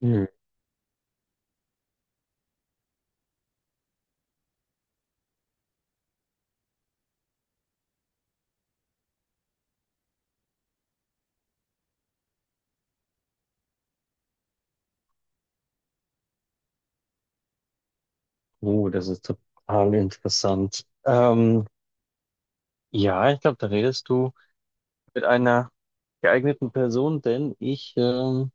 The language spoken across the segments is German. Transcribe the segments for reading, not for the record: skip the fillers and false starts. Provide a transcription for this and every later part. Hm. Oh, das ist total interessant. Ja, ich glaube, da redest du mit einer geeigneten Person, denn ich,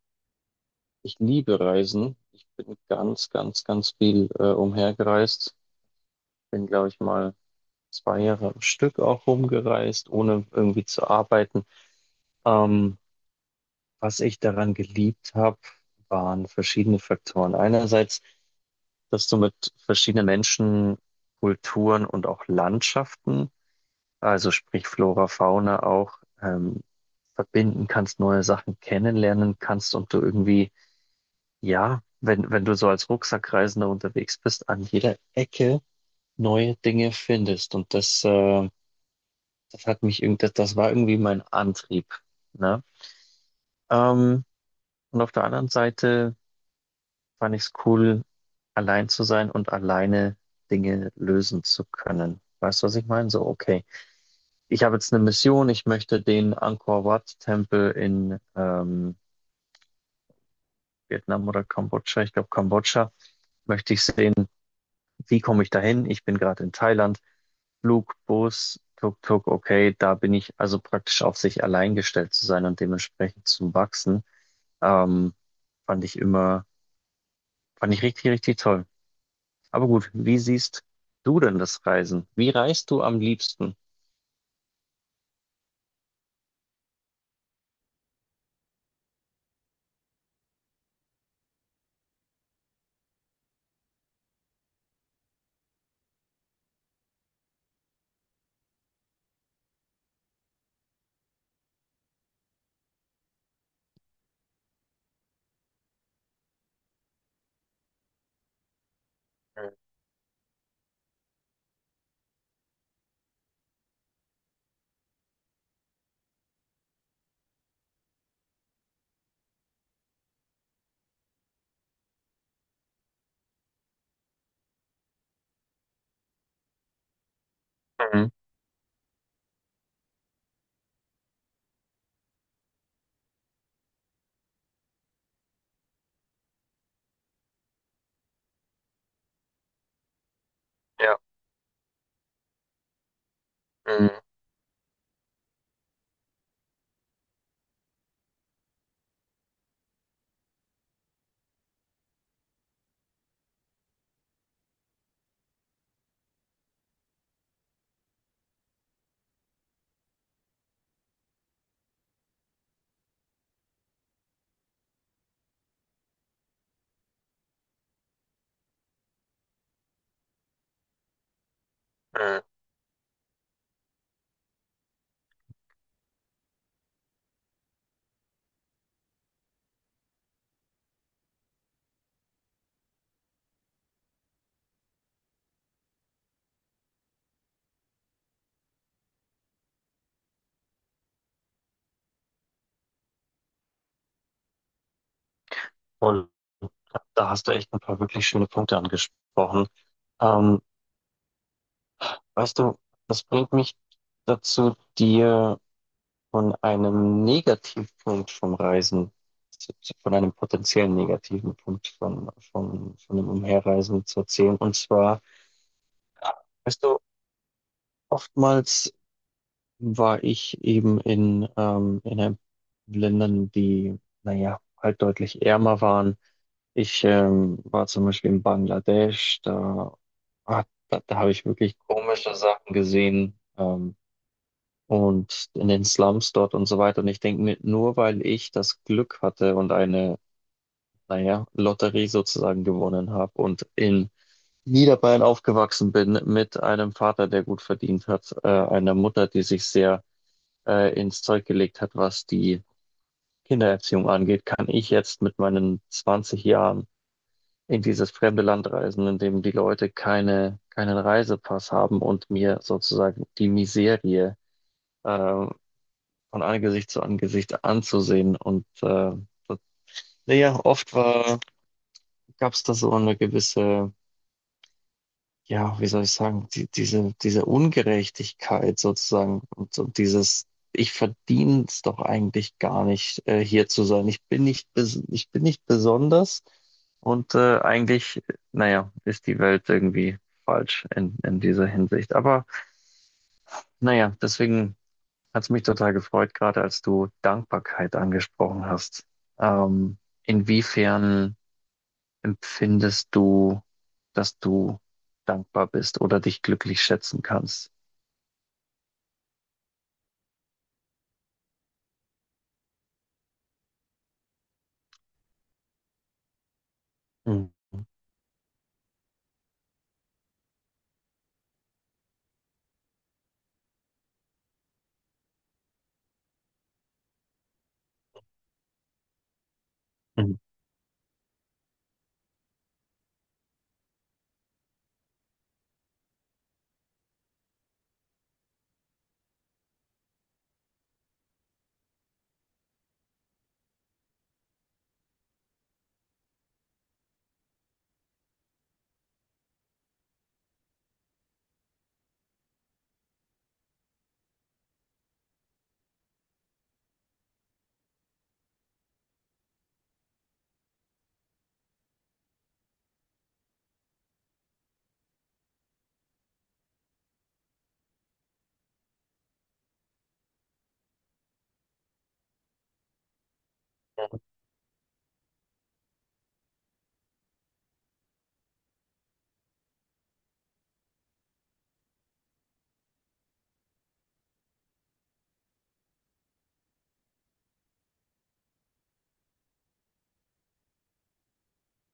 ich liebe Reisen. Ich bin ganz, ganz, ganz viel umhergereist. Bin, glaube ich, mal 2 Jahre am Stück auch rumgereist, ohne irgendwie zu arbeiten. Ähm, Was ich daran geliebt habe, waren verschiedene Faktoren. Einerseits, dass du mit verschiedenen Menschen, Kulturen und auch Landschaften, also sprich Flora, Fauna, auch verbinden kannst, neue Sachen kennenlernen kannst und du irgendwie, ja, wenn du so als Rucksackreisender unterwegs bist, an jeder Ecke neue Dinge findest. Das das war irgendwie mein Antrieb, ne? Ähm, und auf der anderen Seite fand ich es cool, allein zu sein und alleine Dinge lösen zu können. Weißt du, was ich meine? So, okay, ich habe jetzt eine Mission, ich möchte den Angkor Wat-Tempel in Vietnam oder Kambodscha, ich glaube Kambodscha, möchte ich sehen. Wie komme ich dahin? Ich bin gerade in Thailand. Flug, Bus, Tuk-Tuk, okay, da bin ich also praktisch auf sich allein gestellt zu sein und dementsprechend zu wachsen, ähm, fand ich immer, fand ich richtig, richtig toll. Aber gut, wie siehst du denn das Reisen? Wie reist du am liebsten? Mhm. Ja. Mhm. Mhm. Und da hast du echt ein paar wirklich schöne Punkte angesprochen. Ähm, Weißt du, das bringt mich dazu, dir von einem Negativpunkt vom Reisen, von einem potenziellen negativen Punkt von dem Umherreisen zu erzählen. Und zwar, weißt du, oftmals war ich eben in Ländern, die, naja, halt deutlich ärmer waren. Ich war zum Beispiel in Bangladesch, da, ah, da habe ich wirklich komische Sachen gesehen, und in den Slums dort und so weiter. Und ich denke mir, nur weil ich das Glück hatte und eine, naja, Lotterie sozusagen gewonnen habe und in Niederbayern aufgewachsen bin mit einem Vater, der gut verdient hat, einer Mutter, die sich sehr ins Zeug gelegt hat, was die Kindererziehung angeht, kann ich jetzt mit meinen 20 Jahren in dieses fremde Land reisen, in dem die Leute keinen Reisepass haben und mir sozusagen die Miserie ähm, von Angesicht zu Angesicht anzusehen. Und das, naja, gab es da so eine gewisse, ja, wie soll ich sagen, diese Ungerechtigkeit sozusagen und dieses, ich verdiene es doch eigentlich gar nicht, hier zu sein. Ich bin nicht, bes- ich bin nicht besonders, und eigentlich, naja, ist die Welt irgendwie falsch in dieser Hinsicht. Aber naja, deswegen hat es mich total gefreut, gerade als du Dankbarkeit angesprochen hast. Ähm, Inwiefern empfindest du, dass du dankbar bist oder dich glücklich schätzen kannst? Mhm. Mhm.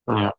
Ja.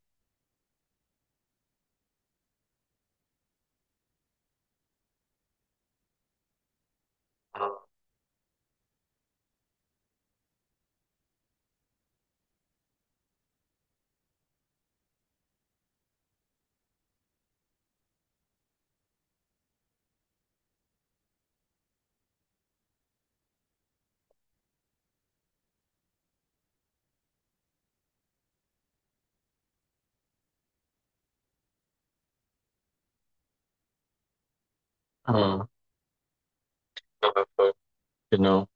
Mhm. Ja, genau.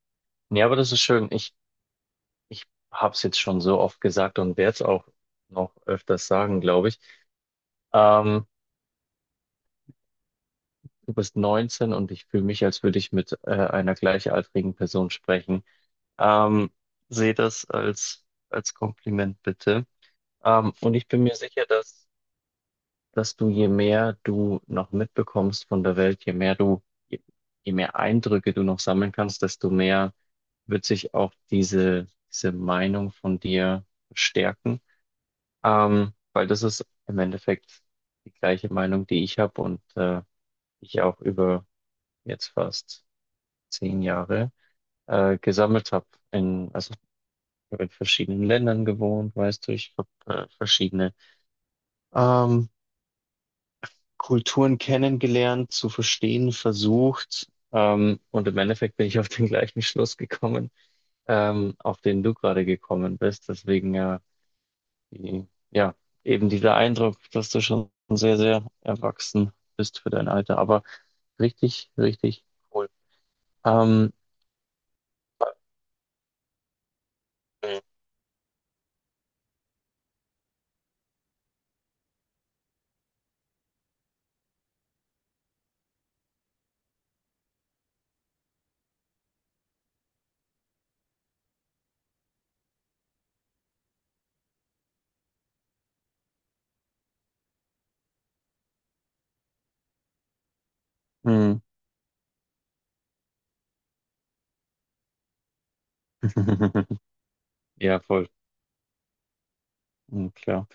Nee, aber das ist schön. Ich habe es jetzt schon so oft gesagt und werde es auch noch öfters sagen, glaube ich. Ähm, Du bist 19 und ich fühle mich, als würde ich mit einer gleichaltrigen Person sprechen. Ähm, Sehe das als, als Kompliment bitte. Und ich bin mir sicher, dass du, je mehr du noch mitbekommst von der Welt, je, je mehr Eindrücke du noch sammeln kannst, desto mehr wird sich auch diese Meinung von dir stärken. Weil das ist im Endeffekt die gleiche Meinung, die ich habe und ich auch über jetzt fast 10 Jahre gesammelt habe. Also ich hab in verschiedenen Ländern gewohnt, weißt du, ich habe verschiedene ähm, Kulturen kennengelernt, zu verstehen versucht. Und im Endeffekt bin ich auf den gleichen Schluss gekommen, auf den du gerade gekommen bist. Deswegen ja, die, ja, eben dieser Eindruck, dass du schon sehr, sehr erwachsen bist für dein Alter. Aber richtig, richtig cool. Ähm, mm, Ja, voll. Mm, klar.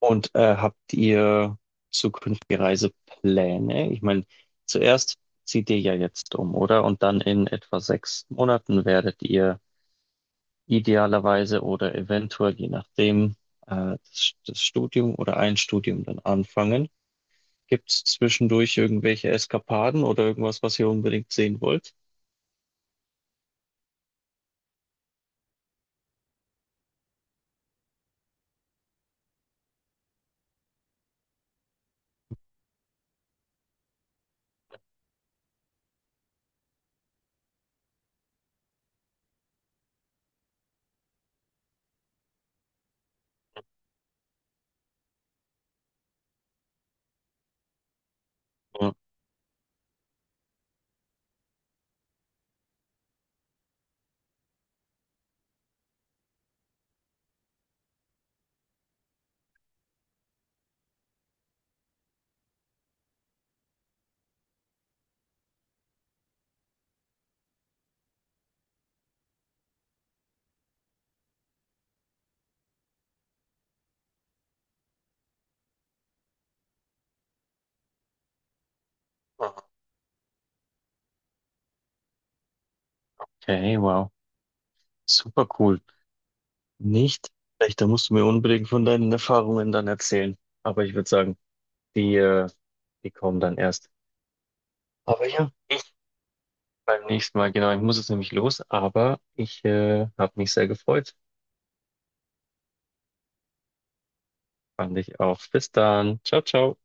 Und habt ihr zukünftige Reisepläne? Ich meine, zuerst zieht ihr ja jetzt um, oder? Und dann in etwa 6 Monaten werdet ihr idealerweise oder eventuell, je nachdem, das Studium oder ein Studium dann anfangen. Gibt es zwischendurch irgendwelche Eskapaden oder irgendwas, was ihr unbedingt sehen wollt? Ja. Okay, wow. Super cool. Nicht? Echt, da musst du mir unbedingt von deinen Erfahrungen dann erzählen. Aber ich würde sagen, die, die kommen dann erst. Aber ja, ich, beim nächsten Mal, genau. Ich muss jetzt nämlich los, aber ich habe mich sehr gefreut. Fand ich auch. Bis dann. Ciao, ciao.